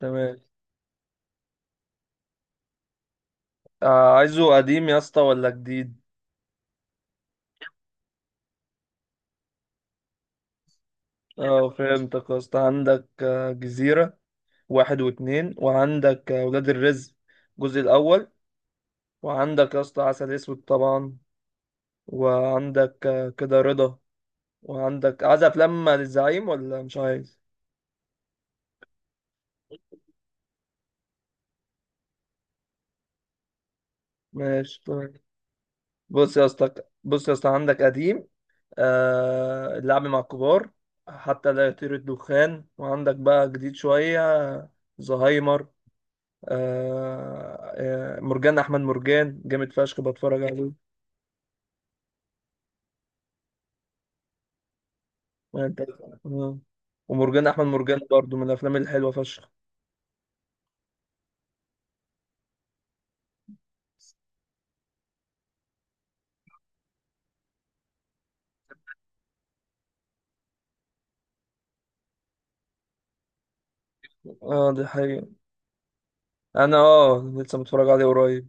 تمام. عايزه قديم يا اسطى ولا جديد؟ اه، فهمتك يا اسطى. عندك جزيرة واحد واتنين، وعندك ولاد الرزق الجزء الأول، وعندك يا اسطى عسل أسود طبعا، وعندك كده رضا، وعندك عايز أفلام للزعيم ولا مش عايز؟ ماشي، تمام. بص يا اسطى بص يا اسطى، عندك قديم اللعب مع الكبار، حتى لا يطير الدخان. وعندك بقى جديد شوية، زهايمر، مرجان احمد مرجان جامد فشخ، بتفرج عليه وانت. آه. ومرجان احمد مرجان برضو من الافلام الحلوه فشخ. اه، دي حقيقة. انا لسه متفرج عليه قريب.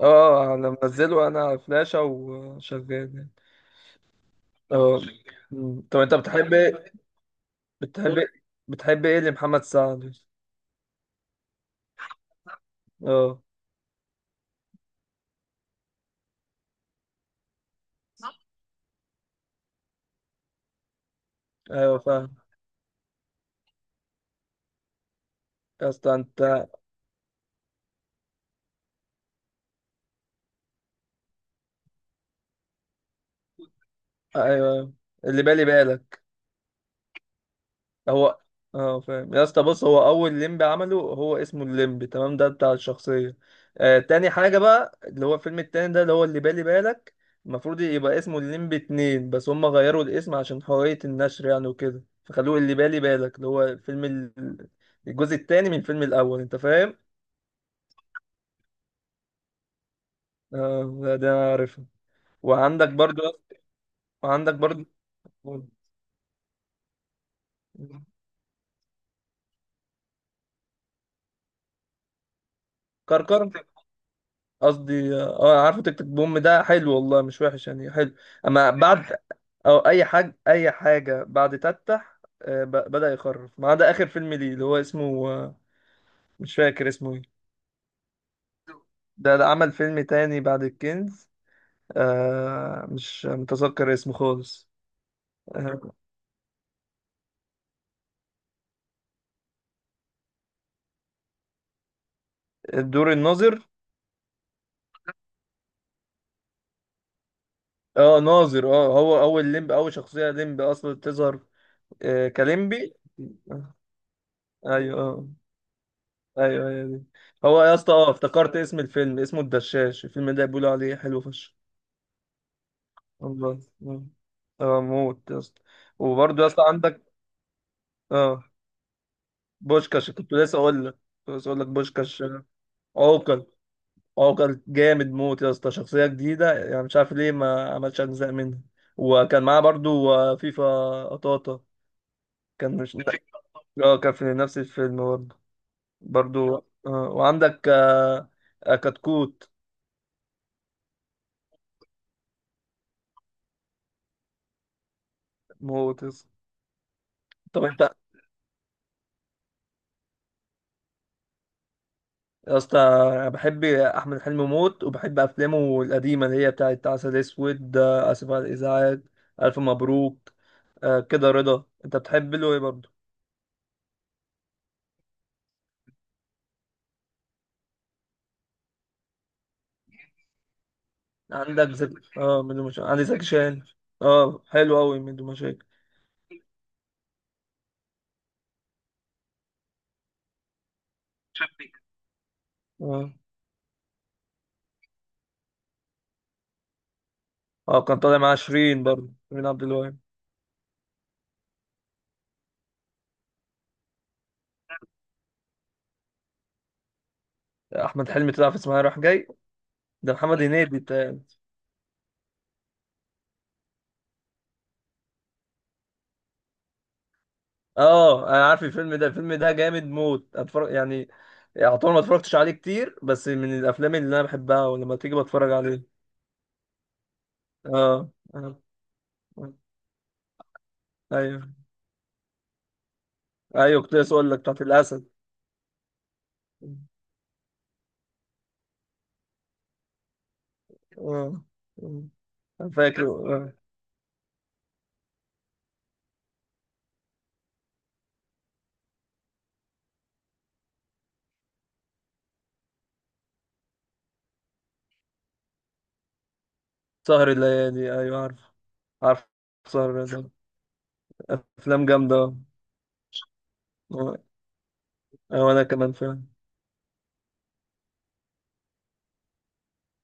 اه، انا منزله انا على فلاشة وشغال يعني. اه. مم. طب انت بتحب ايه؟ بتحب ايه بتحب ايه لمحمد سعد؟ اه، ايوه فاهم يا اسطى. انت، ايوه، اللي بالي بالك هو. اه، فاهم يا اسطى، بص هو اول ليمب عمله، هو اسمه الليمب تمام، ده بتاع الشخصيه. تاني حاجه بقى اللي هو الفيلم التاني ده اللي هو اللي بالي بالك. المفروض يبقى اسمه الليمب اتنين، بس هم غيروا الاسم عشان حريه النشر يعني وكده، فخلوه اللي بالي بالك، اللي هو فيلم الجزء التاني من الفيلم الاول، انت فاهم. اه لا، ده انا عارفها. وعندك برضو. وعندك برضو كركر. قصدي، عارفه تيك تيك بوم؟ ده حلو والله، مش وحش يعني، حلو. اما بعد، او اي حاجه، اي حاجه بعد بدأ يخرف، ما عدا اخر فيلم ليه اللي هو اسمه، مش فاكر اسمه ايه. ده عمل فيلم تاني بعد الكنز، مش متذكر اسمه خالص. آه، الدور الناظر. اه، ناظر. اه، هو اول ليمب، اول شخصيه ليمب اصلا تظهر، كليمبي. آه، ايوه، اه. ايوه هي دي. هو يا اسطى، افتكرت اسم الفيلم، اسمه الدشاش. الفيلم ده بيقولوا عليه حلو فشخ. الله. اه. موت يا اسطى. وبرضه يا اسطى عندك. اه، بوشكاش، كنت لسه اقول لك. كنت لسه اقول لك بوشكاش عوكل. عوكل جامد موت يا اسطى، شخصية جديدة يعني، مش عارف ليه ما عملش اجزاء منها. وكان معاه برضه فيفا، قطاطا. كان مش اه، كان في نفس الفيلم برضه. برضه. آه. وعندك كتكوت، موت يا اسطى. طب انت يا اسطى، انا بحب احمد حلمي موت، وبحب افلامه القديمه اللي هي بتاعت عسل اسود، اسف على الازعاج، الف مبروك. كده رضا، انت بتحب له ايه برضه؟ عندك زك اه ميدو مشاكل، عندي زكي شان. اه، حلو قوي ميدو مشاكل. اه، اه، كان طالع مع شيرين برضه، شيرين عبد الوهاب. احمد حلمي طلع في اسمها رايح جاي؟ ده محمد هنيدي بتاع. اه، انا عارف الفيلم ده. الفيلم ده جامد موت، اتفرج يعني. يعتبر ما اتفرجتش عليه كتير، بس من الافلام اللي انا بحبها، ولما تيجي بتفرج عليه. اه. آه. ايوه، ايوه، كنت لسه اقول لك بتاعت الاسد. اه. آه. أنا فاكر. آه. سهر الليالي، ايوه عارف. عارف سهر الليالي. افلام جامده. آه. وانا كمان فعلا.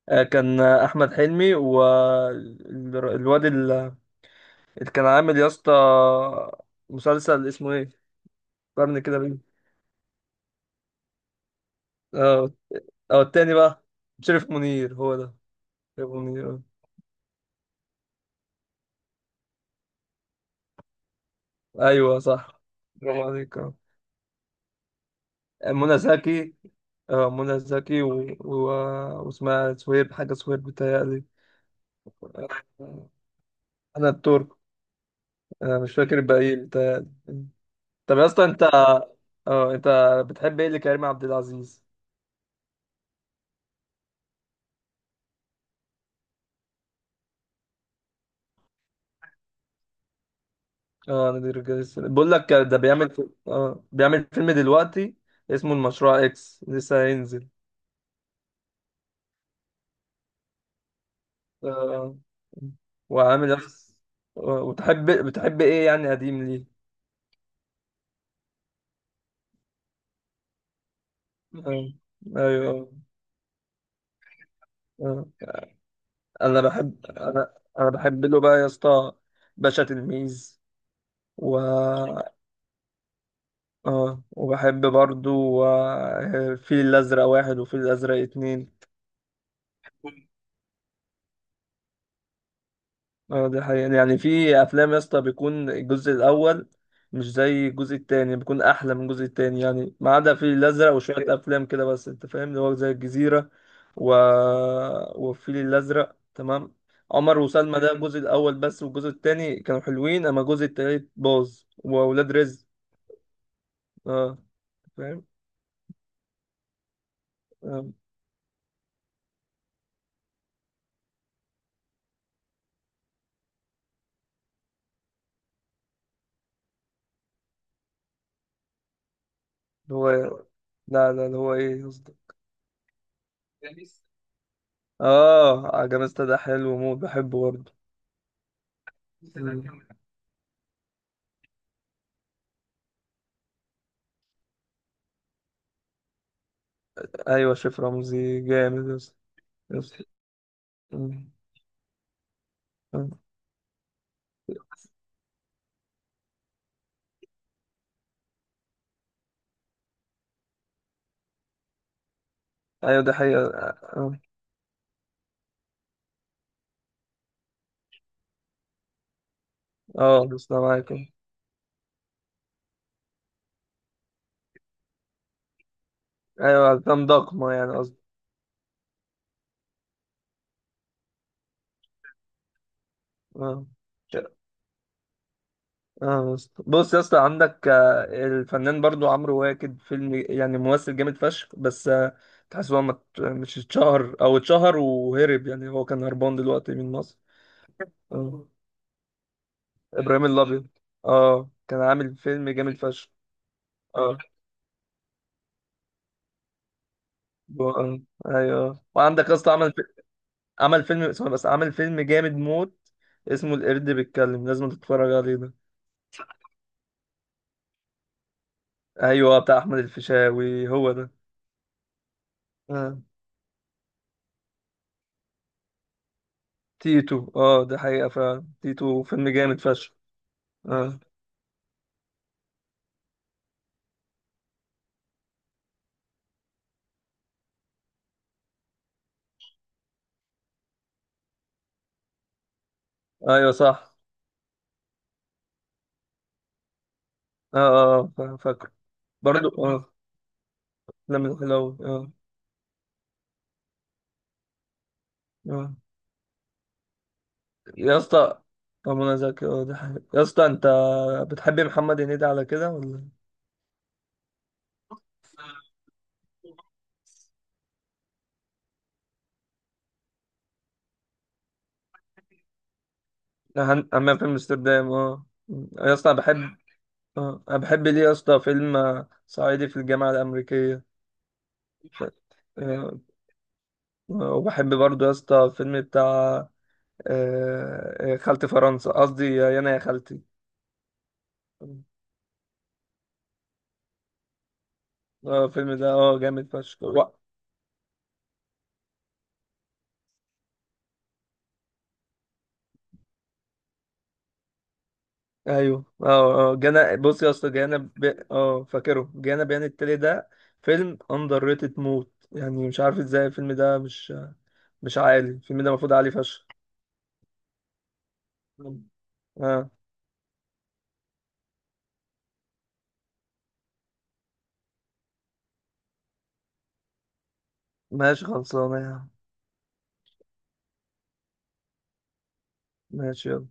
كان احمد حلمي والواد اللي كان عامل يا اسطى مسلسل اسمه ايه، قرن كده بيه. اه، اه، التاني بقى، شريف منير هو ده. شريف منير. آه. ايوه صح، برافو عليك. آه. منى زكي. منى زكي و... و... واسمها سويب، حاجة سويب بتهيألي. آه، أنا الترك. مش فاكر الباقيين بتهيألي. طب يا اسطى، أنت، اه أنت بتحب إيه لكريم عبد العزيز؟ اه، نادي الرجال السري. بقول لك ده بيعمل في... اه بيعمل فيلم دلوقتي اسمه المشروع إكس، لسه هينزل. آه، وعامل نفس. بتحب إيه يعني قديم ليه؟ آه، أيوه. آه. انا بحب له بقى يا اسطى باشا تلميذ. و اه وبحب برضو الفيل الازرق واحد وفيل الازرق اتنين. اه، دي حقيقة، يعني في أفلام يا اسطى بيكون الجزء الأول مش زي الجزء التاني، بيكون أحلى من الجزء التاني يعني، ما عدا في الأزرق وشوية أوكي. أفلام كده، بس أنت فاهم اللي هو زي الجزيرة و... والفيل الأزرق تمام، عمر وسلمى ده الجزء الأول بس، والجزء التاني كانوا حلوين، أما الجزء التالت باظ، وأولاد رزق. اه، فاهم. آه، اللي هو، لا لا اللي هو إيه قصدي. اه، عجمست ده حلو موت، بحبه برضه. أيوة، شيف رمزي جامد يا اسطى. مم. مم. ايوه، دي حقيقة. اه. بس أنا معاك. ايوه، افلام ضخمة يعني قصدي. اه، اه، بص يا اسطى، عندك الفنان برضو عمرو واكد، فيلم يعني، ممثل جامد فشخ، بس تحس هو ما ات- مش اتشهر، او اتشهر وهرب يعني، هو كان هربان دلوقتي من مصر. اه، ابراهيم الابيض. اه، كان عامل فيلم جامد فشخ. اه، و- آه، ايوه وعندك يا اسطى عمل فيلم جامد موت اسمه القرد بيتكلم، لازم تتفرج عليه ده. ايوه، بتاع احمد الفيشاوي هو ده. آه. تيتو، اه، ده حقيقة فعلا، تيتو فيلم جامد فشخ. اه، ايوه صح. اه، اه، فاكره. برضو اه. لم الحلو اه. اه. يا اسطى. منى زكي، اه ده حقيقة يا اسطى. انت بتحب محمد هنيدي على كده ولا؟ همام في امستردام، اه. يا اسطى انا بحب. اه، انا بحب ليه يا اسطى فيلم صعيدي في الجامعه الامريكيه. ف- آه، وبحب برضه يا اسطى فيلم بتاع، خالتي فرنسا قصدي، يا انا يا خالتي. اه، الفيلم ده، اه، جامد فشخ ايوه. اه، اه، جانا، بص يا اسطى، اه فاكره جانا بيان التالي ده. فيلم اندر ريتد موت يعني، مش عارف ازاي الفيلم ده مش عالي، الفيلم ده المفروض عالي فشخ. اه، ماشي خلصانه يا عم. ماشي يلا.